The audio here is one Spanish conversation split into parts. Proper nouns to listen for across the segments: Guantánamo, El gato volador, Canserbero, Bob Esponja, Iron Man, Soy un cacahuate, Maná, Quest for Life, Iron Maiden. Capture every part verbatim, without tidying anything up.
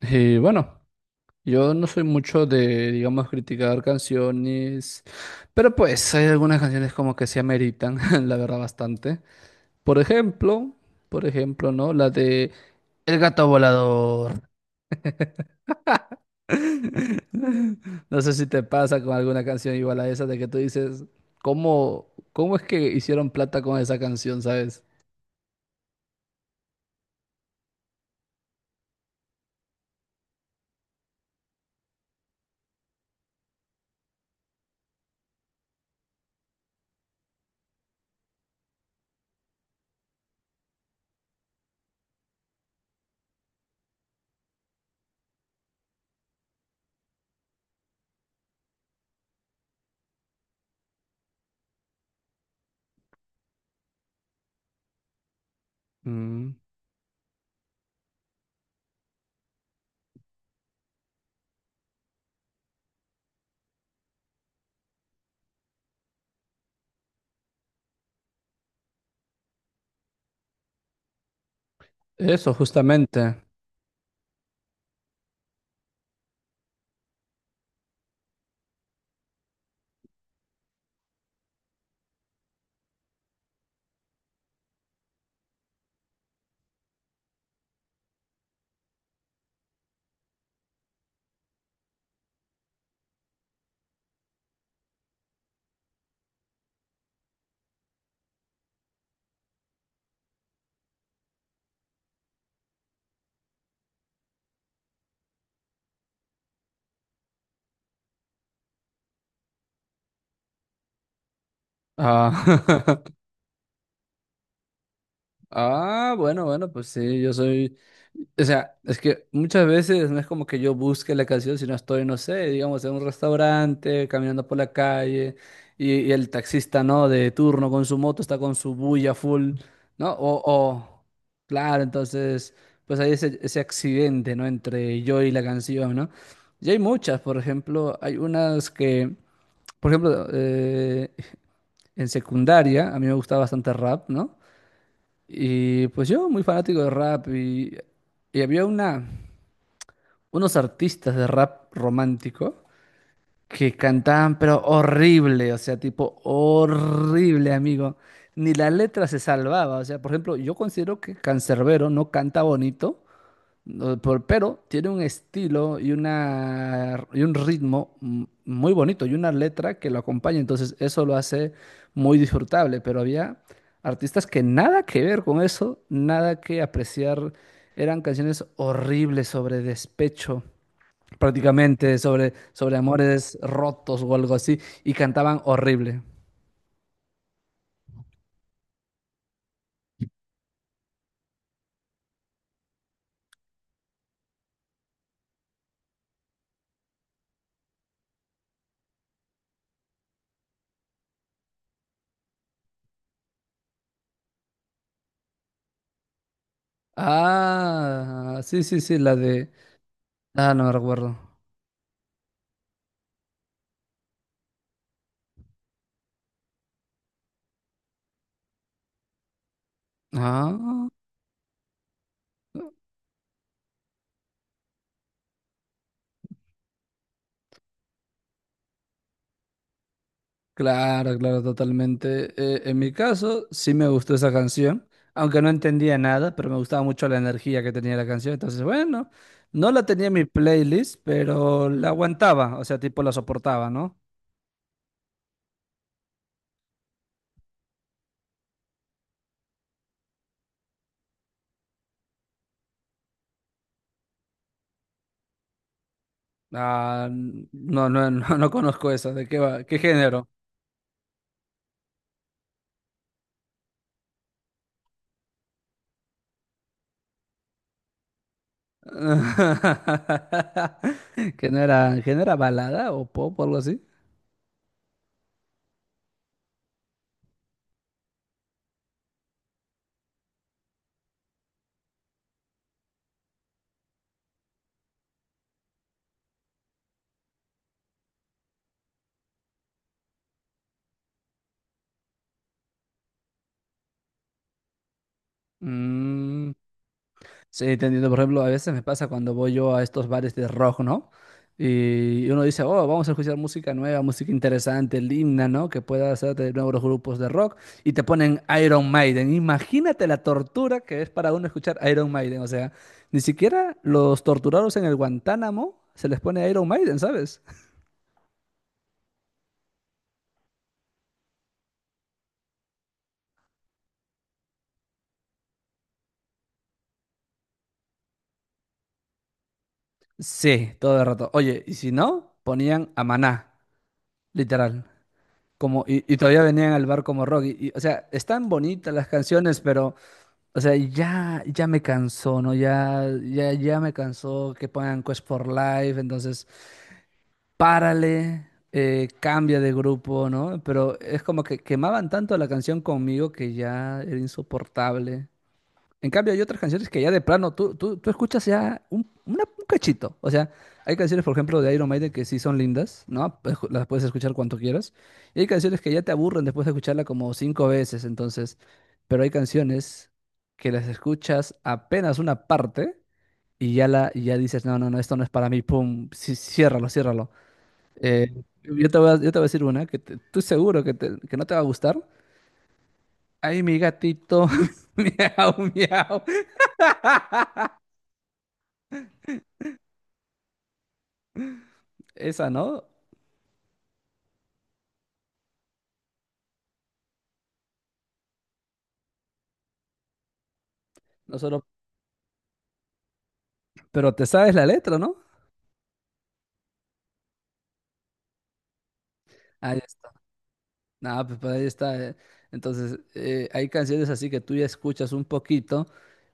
Y bueno, yo no soy mucho de, digamos, criticar canciones, pero pues hay algunas canciones como que se ameritan, la verdad, bastante. Por ejemplo, por ejemplo, ¿no? La de El gato volador. No sé si te pasa con alguna canción igual a esa de que tú dices, ¿cómo, cómo es que hicieron plata con esa canción, ¿sabes? Mm, eso, justamente. Ah, Ah, bueno, bueno, pues sí, yo soy, o sea, es que muchas veces no es como que yo busque la canción, sino estoy, no sé, digamos, en un restaurante, caminando por la calle, y, y el taxista, ¿no? De turno con su moto, está con su bulla full, ¿no? O, o, claro, entonces, pues hay ese, ese accidente, ¿no? Entre yo y la canción, ¿no? Y hay muchas, por ejemplo, hay unas que, por ejemplo, eh, en secundaria, a mí me gustaba bastante rap, ¿no? Y pues yo, muy fanático de rap, y, y había una, unos artistas de rap romántico que cantaban, pero horrible, o sea, tipo horrible, amigo. Ni la letra se salvaba, o sea, por ejemplo, yo considero que Canserbero no canta bonito, no, por- pero tiene un estilo y, una, y un ritmo m- muy bonito y una letra que lo acompaña, entonces eso lo hace muy disfrutable, pero había artistas que nada que ver con eso, nada que apreciar, eran canciones horribles sobre despecho, prácticamente sobre, sobre amores rotos o algo así, y cantaban horrible. Ah, sí, sí, sí, la de… Ah, no me recuerdo. Ah. Claro, claro, totalmente. Eh, en mi caso, sí me gustó esa canción, aunque no entendía nada, pero me gustaba mucho la energía que tenía la canción. Entonces, bueno, no la tenía en mi playlist, pero la aguantaba, o sea, tipo la soportaba, ¿no? Ah, n- no, no, no, no conozco eso. ¿De qué va? ¿Qué género? ¿Que no era, que no era balada o pop o algo así? Mm, sí, te entiendo. Por ejemplo, a veces me pasa cuando voy yo a estos bares de rock, ¿no? Y uno dice, oh, vamos a escuchar música nueva, música interesante, linda, ¿no? Que pueda hacer de nuevos grupos de rock. Y te ponen Iron Maiden. Imagínate la tortura que es para uno escuchar Iron Maiden. O sea, ni siquiera los torturados en el Guantánamo se les pone Iron Maiden, ¿sabes? Sí, todo el rato. Oye, y si no, ponían a Maná, literal. Como, y, y todavía venían al bar como rock. Y, y, o sea, están bonitas las canciones, pero… O sea, ya, ya me cansó, ¿no? Ya, ya, ya me cansó que pongan Quest for Life, entonces párale, eh, cambia de grupo, ¿no? Pero es como que quemaban tanto la canción conmigo que ya era insoportable. En cambio, hay otras canciones que ya de plano tú, tú, tú escuchas ya un, una- un cachito. O sea, hay canciones, por ejemplo, de Iron Maiden que sí son lindas, ¿no? Pues, ju- las puedes escuchar cuanto quieras. Y hay canciones que ya te aburren después de escucharla como cinco veces, entonces. Pero hay canciones que las escuchas apenas una parte y ya, la, y ya dices, no, no, no, esto no es para mí, pum, sí, ciérralo, ciérralo. Eh, yo te voy a, yo te voy a decir una que te- tú seguro que, te- que no te va a gustar. Ay, mi gatito, miau, miau. Esa, ¿no? Nosotros, pero te sabes la letra, ¿no? Ahí está. Nada, pues pues, ahí está. eh. Entonces, eh, hay canciones así que tú ya escuchas un poquito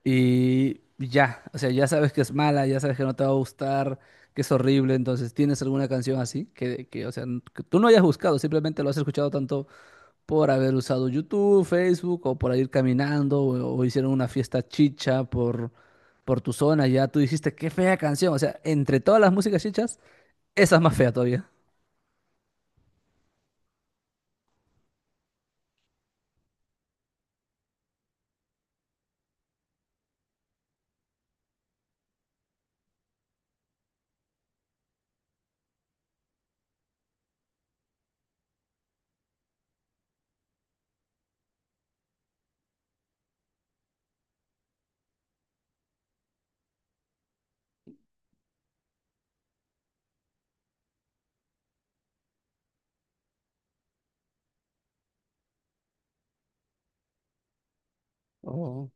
y ya, o sea, ya sabes que es mala, ya sabes que no te va a gustar, que es horrible. Entonces, ¿tienes alguna canción así que, que, o sea, n- que tú no hayas buscado, simplemente lo has escuchado tanto por haber usado YouTube, Facebook o por ir caminando o, o hicieron una fiesta chicha por, por tu zona? Ya tú dijiste, qué fea canción. O sea, entre todas las músicas chichas, esa es más fea todavía. Oh.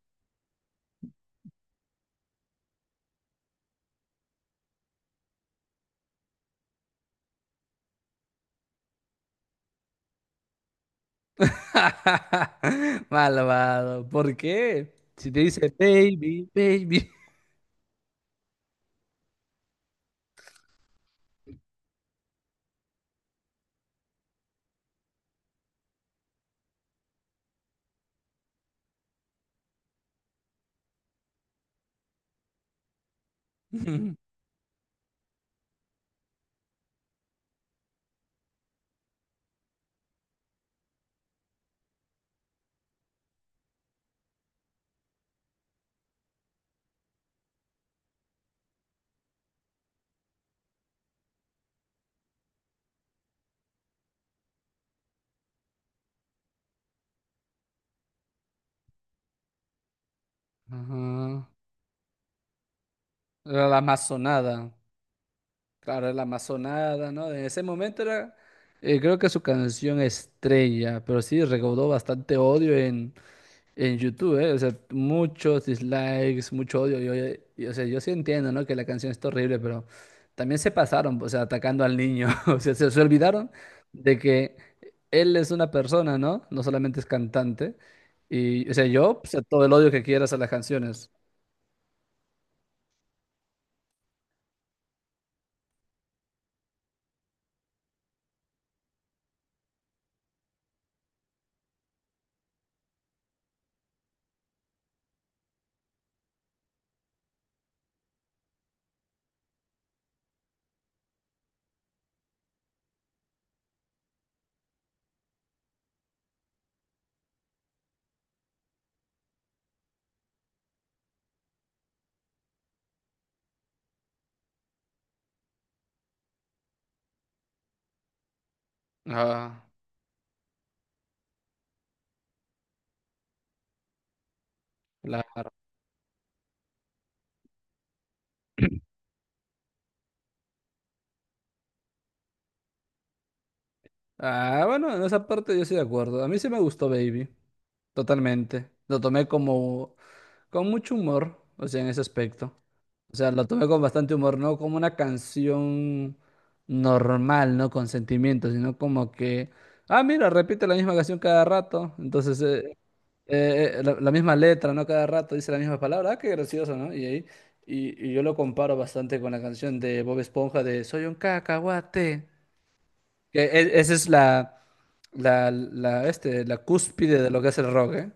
Malvado. ¿Por qué? Si te dice baby, baby. Ajá. Era la amazonada. Claro, era la amazonada, ¿no? En ese momento era, eh, creo que su canción estrella, pero sí recaudó bastante odio en. En YouTube, ¿eh? O sea, muchos dislikes, mucho odio. Yo, yo- y, o sea, yo sí entiendo, ¿no? Que la canción está horrible, pero también se pasaron, o sea, atacando al niño. O sea, se, se olvidaron de que él es una persona, ¿no? No solamente es cantante. Y, o sea, yo, o sea, todo el odio que quieras a las canciones. Ah, claro. Ah, bueno, en esa parte yo estoy de acuerdo. A mí sí me gustó Baby, totalmente. Lo tomé como con mucho humor, o sea, en ese aspecto. O sea, lo tomé con bastante humor, no como una canción normal, no con sentimiento, sino como que, ah, mira, repite la misma canción cada rato, entonces eh, eh, eh, la, la misma letra, ¿no? Cada rato dice la misma palabra, ah, qué gracioso, ¿no? Y ahí, y, y yo lo comparo bastante con la canción de Bob Esponja de Soy un cacahuate, que e- esa es la, la, la, este, la cúspide de lo que es el rock, ¿eh?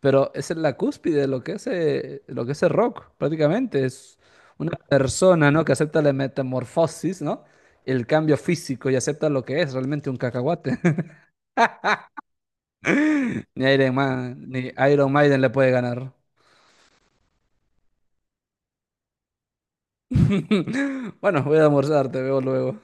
Pero esa es la cúspide de lo que es, eh, lo que es el rock, prácticamente. Es una persona, ¿no? que acepta la metamorfosis, ¿no? El cambio físico y acepta lo que es realmente un cacahuate. Ni Iron Man, ni Iron Maiden le puede ganar. Bueno, voy a almorzar, te veo luego.